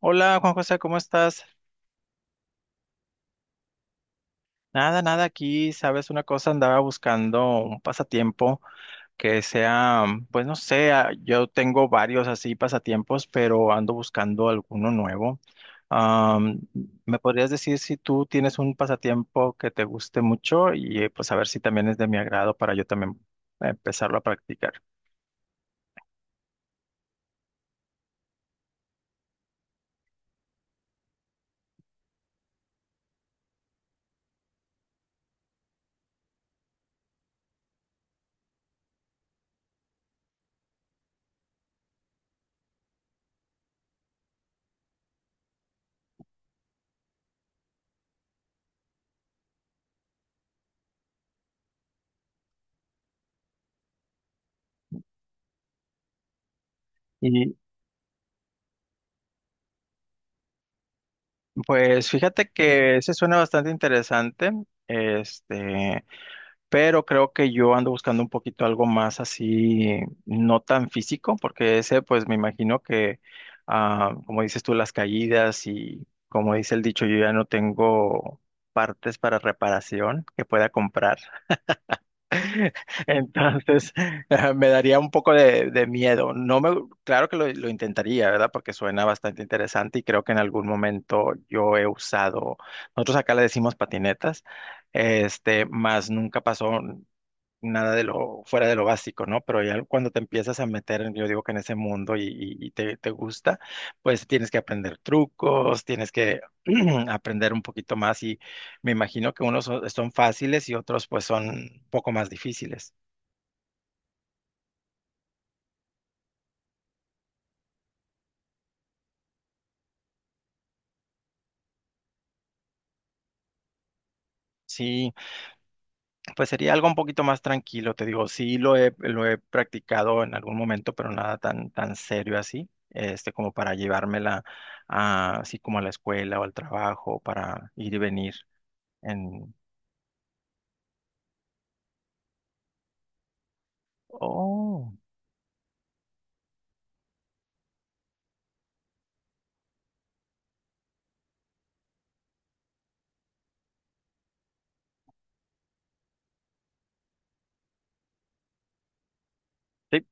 Hola Juan José, ¿cómo estás? Nada aquí, sabes una cosa, andaba buscando un pasatiempo, que sea, pues no sé, yo tengo varios así pasatiempos, pero ando buscando alguno nuevo. Am, ¿Me podrías decir si tú tienes un pasatiempo que te guste mucho y pues a ver si también es de mi agrado para yo también empezarlo a practicar? Y pues fíjate que ese suena bastante interesante. Este, pero creo que yo ando buscando un poquito algo más así, no tan físico, porque ese, pues me imagino que, como dices tú, las caídas y como dice el dicho, yo ya no tengo partes para reparación que pueda comprar. Entonces, me daría un poco de miedo. No me, claro que lo intentaría, ¿verdad? Porque suena bastante interesante y creo que en algún momento yo he usado, nosotros acá le decimos patinetas, este, más nunca pasó, nada de lo fuera de lo básico, ¿no? Pero ya cuando te empiezas a meter, yo digo que en ese mundo y te, te gusta, pues tienes que aprender trucos, tienes que aprender un poquito más y me imagino que unos son fáciles y otros pues son un poco más difíciles. Sí, pues sería algo un poquito más tranquilo, te digo, sí lo he practicado en algún momento, pero nada tan serio así, este, como para llevármela así como a la escuela o al trabajo, para ir y venir. Oh, sí,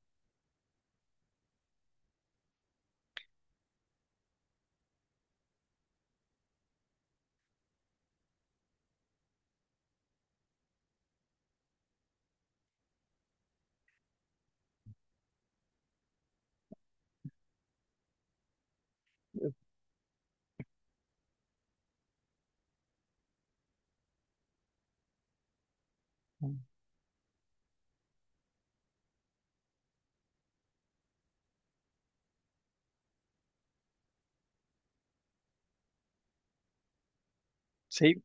mm, sí,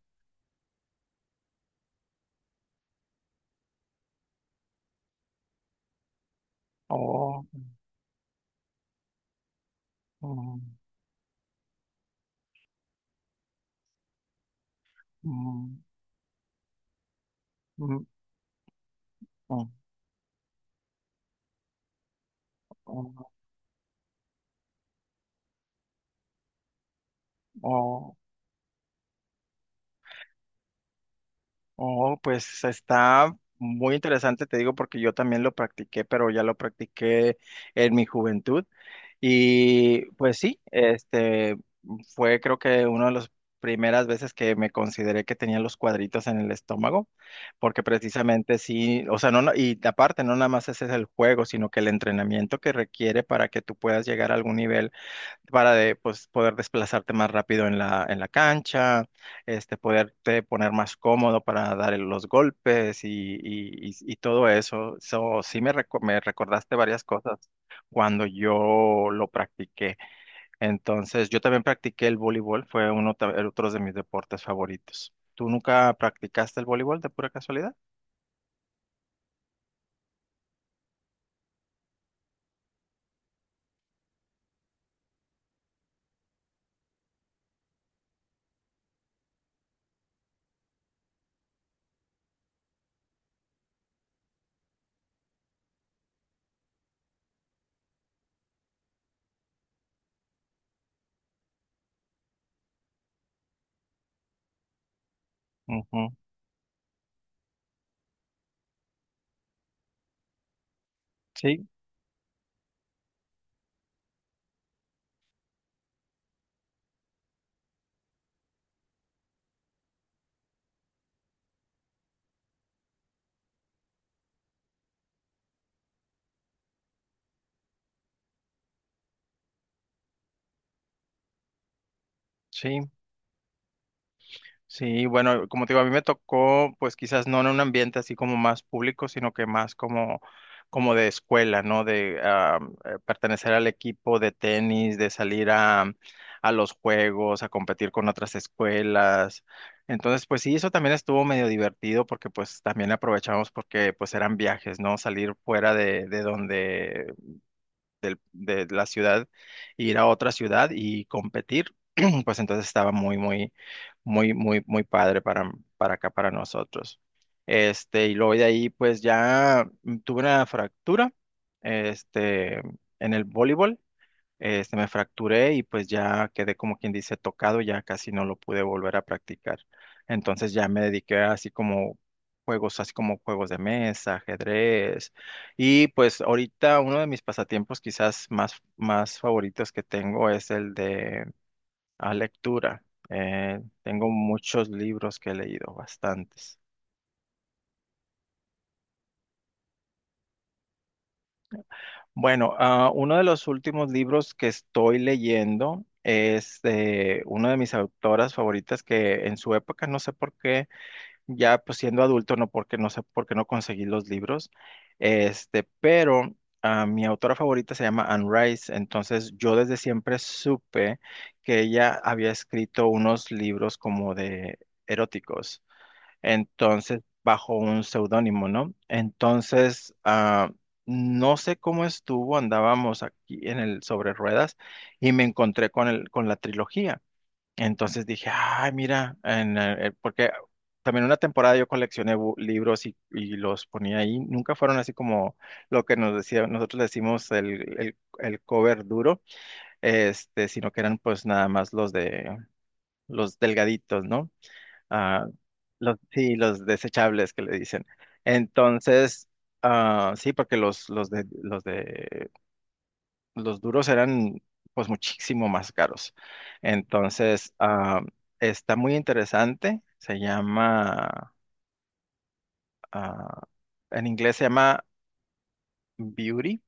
oh, oh, mm, mm, oh, oh, oh, oh, pues está muy interesante, te digo, porque yo también lo practiqué, pero ya lo practiqué en mi juventud. Y pues sí, este fue creo que una de las primeras veces que me consideré que tenía los cuadritos en el estómago, porque precisamente sí, o sea, y aparte no nada más ese es el juego, sino que el entrenamiento que requiere para que tú puedas llegar a algún nivel para de, pues, poder desplazarte más rápido en en la cancha, este, poderte poner más cómodo para dar los golpes y todo eso. So, me recordaste varias cosas cuando yo lo practiqué. Entonces, yo también practiqué el voleibol, fue el otro de mis deportes favoritos. ¿Tú nunca practicaste el voleibol de pura casualidad? Ujú, Sí, sí. Sí, bueno, como te digo, a mí me tocó, pues quizás no en un ambiente así como más público, sino que más como, como de escuela, ¿no? Pertenecer al equipo de tenis, de salir a los juegos, a competir con otras escuelas. Entonces, pues sí, eso también estuvo medio divertido porque pues también aprovechamos porque pues eran viajes, ¿no? Salir fuera de donde de la ciudad, ir a otra ciudad y competir, pues entonces estaba muy padre para acá, para nosotros. Y luego de ahí, pues ya tuve una fractura, este, en el voleibol. Este, me fracturé y pues ya quedé como quien dice tocado, ya casi no lo pude volver a practicar. Entonces ya me dediqué a así como juegos de mesa, ajedrez. Y pues ahorita uno de mis pasatiempos más favoritos que tengo es el de la lectura. Tengo muchos libros que he leído, bastantes. Bueno, uno de los últimos libros que estoy leyendo es de una de mis autoras favoritas que en su época, no sé por qué, ya pues siendo adulto, no porque no sé por qué no conseguí los libros, este, pero mi autora favorita se llama Anne Rice, entonces yo desde siempre supe que ella había escrito unos libros como de eróticos. Entonces, bajo un seudónimo, ¿no? No sé cómo estuvo, andábamos aquí en el sobre ruedas y me encontré con con la trilogía. Entonces dije, ay, mira, porque también una temporada yo coleccioné libros y los ponía ahí. Nunca fueron así como lo que nos decía, nosotros decimos el cover duro, este, sino que eran pues nada más los de los delgaditos, ¿no? ah, los, sí, los desechables que le dicen. Entonces, sí, porque los de, los duros eran pues muchísimo más caros. Entonces, ah, Está muy interesante. Se llama, ah, en inglés se llama Beauty.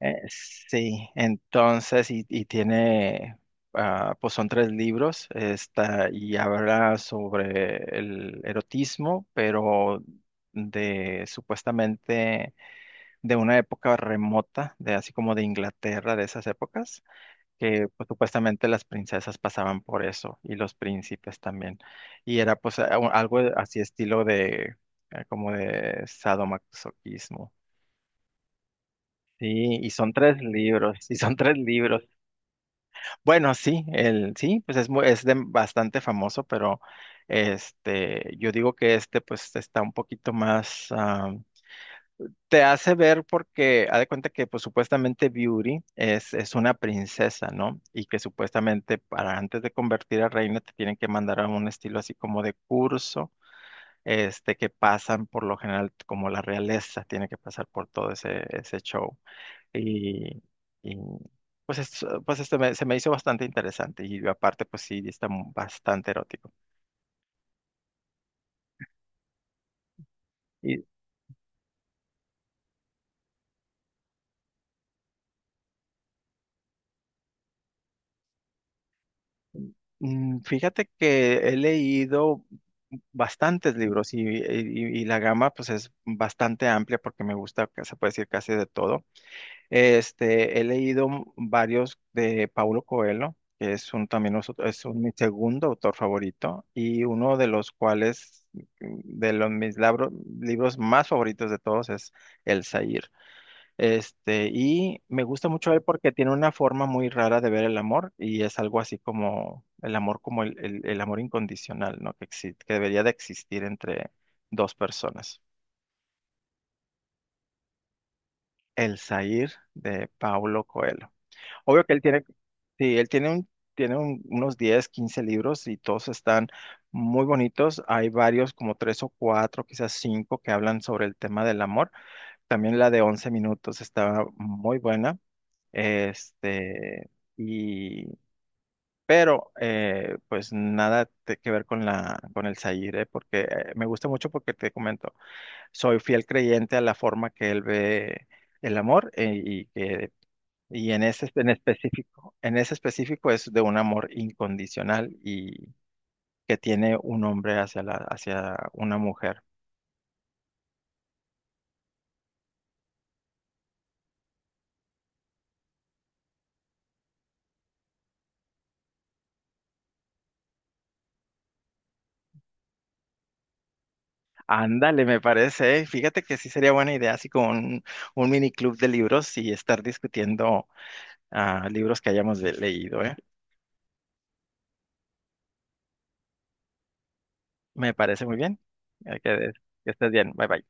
Sí, entonces, y tiene, pues son tres libros, está, y habla sobre el erotismo, pero de supuestamente de una época remota, de así como de Inglaterra, de esas épocas, que pues, supuestamente las princesas pasaban por eso, y los príncipes también. Y era pues algo así estilo de, como de sadomasoquismo. Sí, y son tres libros, y son tres libros. Bueno, sí, el sí, pues es muy, bastante famoso, pero este, yo digo que este pues está un poquito más te hace ver porque haz de cuenta que pues supuestamente Beauty es una princesa, ¿no? Y que supuestamente para antes de convertir a reina te tienen que mandar a un estilo así como de curso, este, que pasan por lo general como la realeza, tiene que pasar por todo ese, ese show. Y, y, pues, pues este se me hizo bastante interesante y aparte pues sí, está bastante erótico. Y fíjate que he leído bastantes libros y, y la gama pues es bastante amplia porque me gusta, que se puede decir casi de todo. Este, he leído varios de Paulo Coelho, que es un, también mi segundo autor favorito, y uno de los cuales, de los libros más favoritos de todos es El Zahir. Este, y me gusta mucho él porque tiene una forma muy rara de ver el amor, y es algo así como el amor, como el amor incondicional, ¿no? Que, que debería de existir entre dos personas. El Zahir de Paulo Coelho. Obvio que él tiene, sí, él tiene un, unos 10, 15 libros y todos están muy bonitos. Hay varios, como tres o cuatro, quizás cinco, que hablan sobre el tema del amor. También la de 11 minutos está muy buena. Este, y, pero, pues nada te- que ver con la, con el Zahir, ¿eh? Porque me gusta mucho porque te comento, soy fiel creyente a la forma que él ve el amor y que y en ese en específico, en ese específico es de un amor incondicional y que tiene un hombre hacia la, hacia una mujer. Ándale, me parece, ¿eh? Fíjate que sí sería buena idea, así como un mini club de libros y estar discutiendo libros que hayamos leído, ¿eh? Me parece muy bien. Eh, Que, que estés bien. Bye bye.